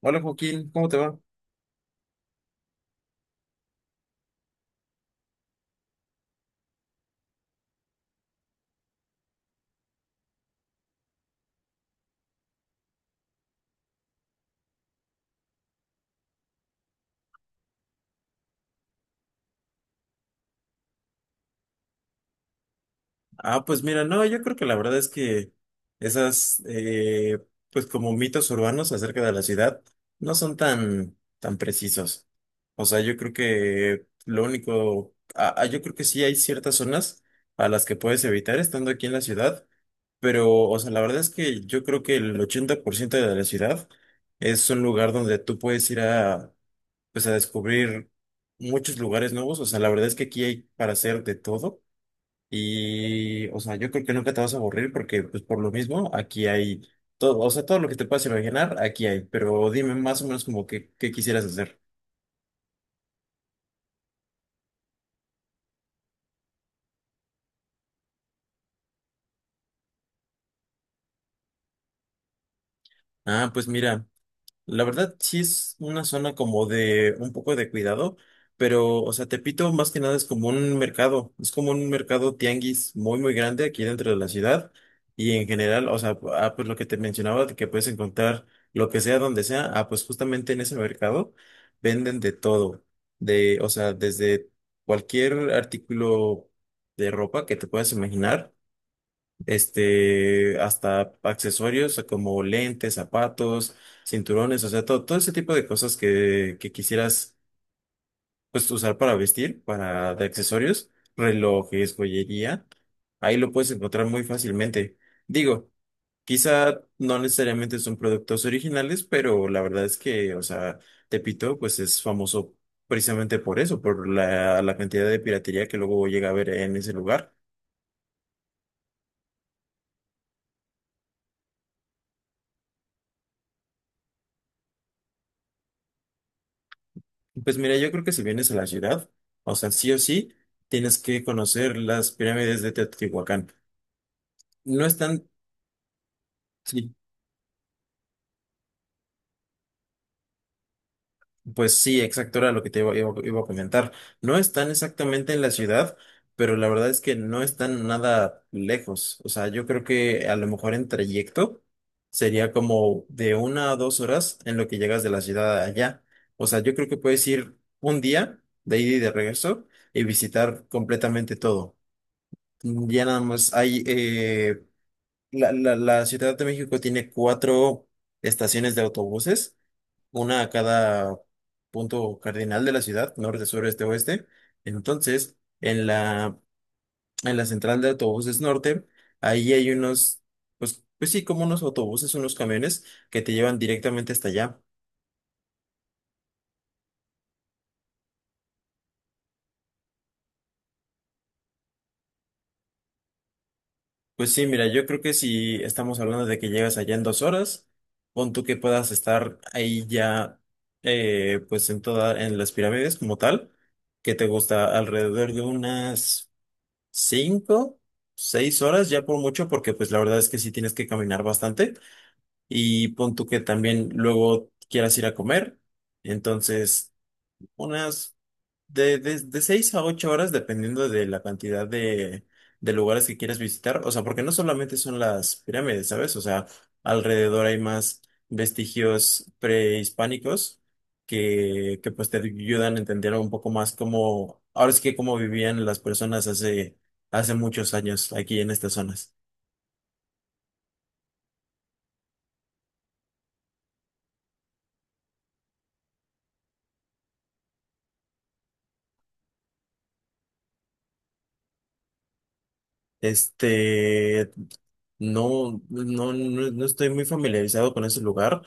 Hola Joaquín, ¿cómo te va? Ah, pues mira, no, yo creo que la verdad es que esas, pues como mitos urbanos acerca de la ciudad, no son tan precisos. O sea, yo creo que lo único, yo creo que sí hay ciertas zonas a las que puedes evitar estando aquí en la ciudad, pero, o sea, la verdad es que yo creo que el 80% de la ciudad es un lugar donde tú puedes ir a, pues a descubrir muchos lugares nuevos. O sea, la verdad es que aquí hay para hacer de todo. Y, o sea, yo creo que nunca te vas a aburrir porque, pues, por lo mismo, aquí hay todo, o sea, todo lo que te puedas imaginar, aquí hay. Pero dime más o menos como que, qué quisieras hacer. Ah, pues mira. La verdad, sí es una zona como de un poco de cuidado, pero, o sea, Tepito más que nada es como un mercado, es como un mercado tianguis muy, muy grande aquí dentro de la ciudad y en general, o sea, pues lo que te mencionaba, de que puedes encontrar lo que sea, donde sea, pues justamente en ese mercado venden de todo, de, o sea, desde cualquier artículo de ropa que te puedas imaginar hasta accesorios como lentes, zapatos, cinturones, o sea, todo, todo ese tipo de cosas que quisieras, pues, usar para vestir, para de accesorios, relojes, joyería, ahí lo puedes encontrar muy fácilmente. Digo, quizá no necesariamente son productos originales, pero la verdad es que, o sea, Tepito, pues, es famoso precisamente por eso, por la cantidad de piratería que luego llega a haber en ese lugar. Pues mira, yo creo que si vienes a la ciudad, o sea, sí o sí, tienes que conocer las pirámides de Teotihuacán. No están, sí, pues sí, exacto, era lo que te iba a comentar. No están exactamente en la ciudad, pero la verdad es que no están nada lejos. O sea, yo creo que a lo mejor en trayecto sería como de una a dos horas en lo que llegas de la ciudad allá. O sea, yo creo que puedes ir un día de ida y de regreso y visitar completamente todo. Ya nada más, la Ciudad de México tiene cuatro estaciones de autobuses, una a cada punto cardinal de la ciudad, norte, sur, este, oeste. Entonces, en la central de autobuses norte, ahí hay unos, pues sí, como unos autobuses, unos camiones que te llevan directamente hasta allá. Pues sí, mira, yo creo que si estamos hablando de que llegas allá en 2 horas, pon tú que puedas estar ahí ya, pues en las pirámides como tal, que te gusta alrededor de unas cinco, seis horas ya por mucho, porque pues la verdad es que sí tienes que caminar bastante y pon tú que también luego quieras ir a comer, entonces unas de 6 a 8 horas, dependiendo de la cantidad de lugares que quieras visitar. O sea, porque no solamente son las pirámides, ¿sabes? O sea, alrededor hay más vestigios prehispánicos que pues te ayudan a entender un poco más cómo, ahora sí que cómo vivían las personas hace muchos años aquí en estas zonas. Este, no, no, no, no estoy muy familiarizado con ese lugar,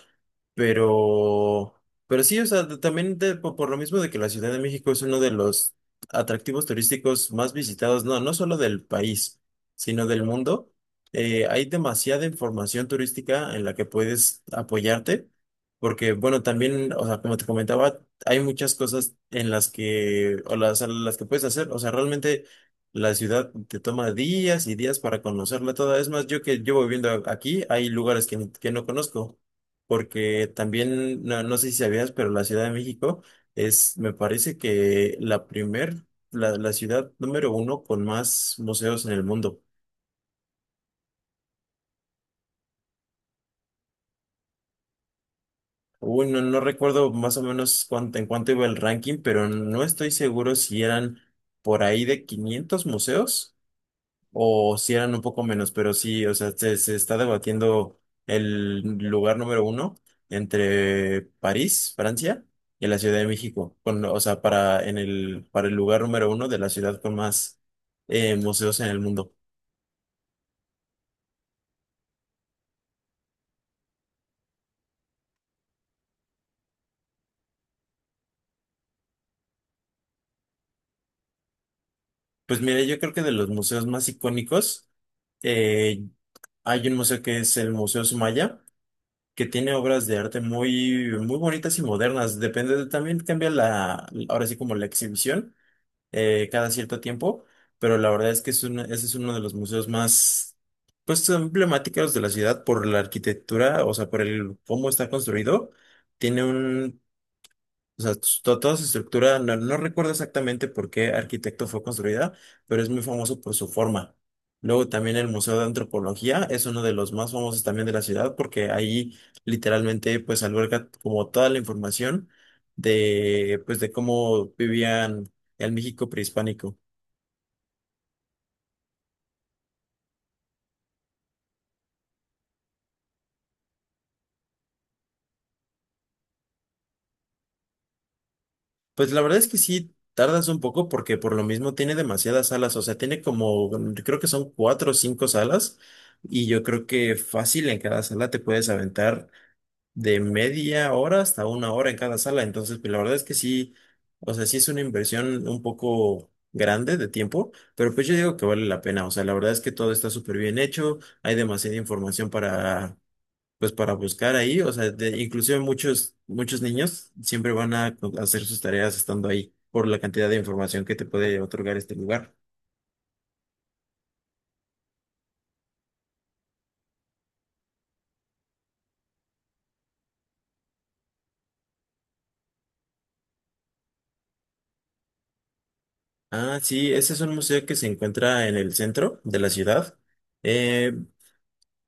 pero, pero sí, o sea, también por, lo mismo de que la Ciudad de México es uno de los atractivos turísticos más visitados, no, no solo del país, sino del mundo, hay demasiada información turística en la que puedes apoyarte, porque, bueno, también, o sea, como te comentaba, hay muchas cosas en las que, a las que puedes hacer, o sea, realmente. La ciudad te toma días y días para conocerla toda. Es más, yo que llevo viviendo aquí, hay lugares que no conozco, porque también, no, no sé si sabías, pero la Ciudad de México es, me parece que la ciudad número uno con más museos en el mundo. Uy, no, no recuerdo más o menos en cuánto iba el ranking, pero no estoy seguro si eran por ahí de 500 museos o si eran un poco menos, pero sí, o sea, se está debatiendo el lugar número uno entre París, Francia, y la Ciudad de México, o sea, para el lugar número uno de la ciudad con más museos en el mundo. Pues mire, yo creo que de los museos más icónicos, eh, hay un museo que es el Museo Sumaya, que tiene obras de arte muy, muy bonitas y modernas. Depende, también cambia ahora sí como la exhibición cada cierto tiempo, pero la verdad es que es ese es uno de los museos más, pues, emblemáticos de la ciudad por la arquitectura, o sea, por el cómo está construido. Tiene un o sea, toda su estructura, no, no recuerdo exactamente por qué arquitecto fue construida, pero es muy famoso por su forma. Luego también el Museo de Antropología es uno de los más famosos también de la ciudad porque ahí literalmente pues alberga como toda la información de cómo vivían el México prehispánico. Pues la verdad es que sí tardas un poco porque por lo mismo tiene demasiadas salas, o sea, tiene como creo que son cuatro o cinco salas y yo creo que fácil en cada sala te puedes aventar de media hora hasta una hora en cada sala. Entonces, pues la verdad es que sí, o sea, sí es una inversión un poco grande de tiempo, pero pues yo digo que vale la pena. O sea, la verdad es que todo está súper bien hecho, hay demasiada información pues para buscar ahí. O sea, inclusive muchos, muchos niños siempre van a hacer sus tareas estando ahí por la cantidad de información que te puede otorgar este lugar. Ah, sí, ese es un museo que se encuentra en el centro de la ciudad. Eh,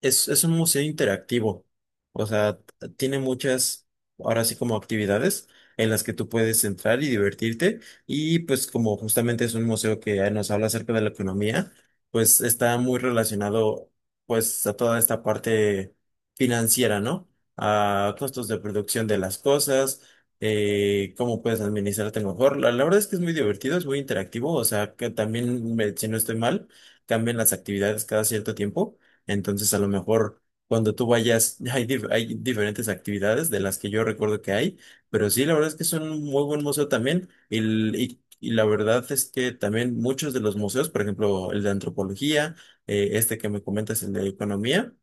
es un museo interactivo, o sea, tiene muchas, ahora sí como actividades en las que tú puedes entrar y divertirte y pues como justamente es un museo que nos habla acerca de la economía, pues está muy relacionado pues a toda esta parte financiera, ¿no? A costos de producción de las cosas, cómo puedes administrarte mejor. La verdad es que es muy divertido, es muy interactivo, o sea, que también, si no estoy mal, cambian las actividades cada cierto tiempo. Entonces, a lo mejor cuando tú vayas, hay diferentes actividades de las que yo recuerdo que hay, pero sí, la verdad es que es un muy buen museo también. Y la verdad es que también muchos de los museos, por ejemplo, el de antropología, este que me comentas, el de economía,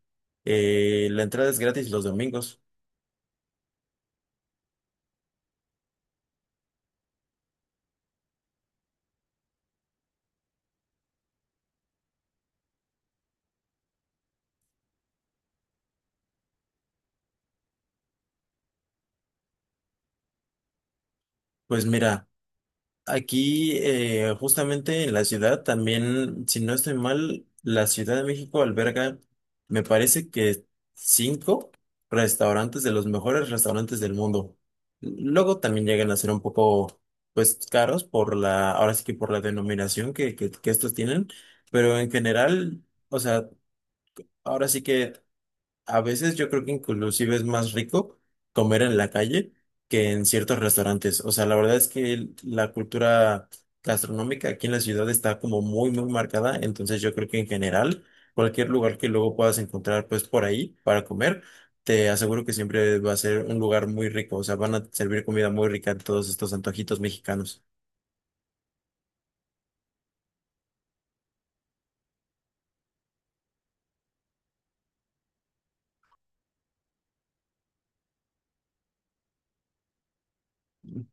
la entrada es gratis los domingos. Pues mira. Aquí, justamente en la ciudad, también, si no estoy mal, la Ciudad de México alberga, me parece que cinco restaurantes de los mejores restaurantes del mundo. Luego también llegan a ser un poco, pues, caros por ahora sí que por la denominación que estos tienen, pero en general, o sea, ahora sí que a veces yo creo que inclusive es más rico comer en la calle que en ciertos restaurantes. O sea, la verdad es que la cultura gastronómica aquí en la ciudad está como muy, muy marcada. Entonces yo creo que en general, cualquier lugar que luego puedas encontrar pues por ahí para comer, te aseguro que siempre va a ser un lugar muy rico. O sea, van a servir comida muy rica en todos estos antojitos mexicanos.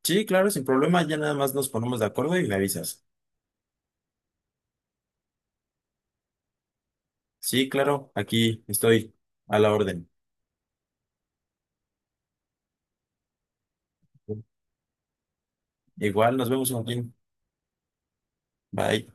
Sí, claro, sin problema. Ya nada más nos ponemos de acuerdo y me avisas. Sí, claro, aquí estoy a la orden. Igual, nos vemos, Joaquín. Bye.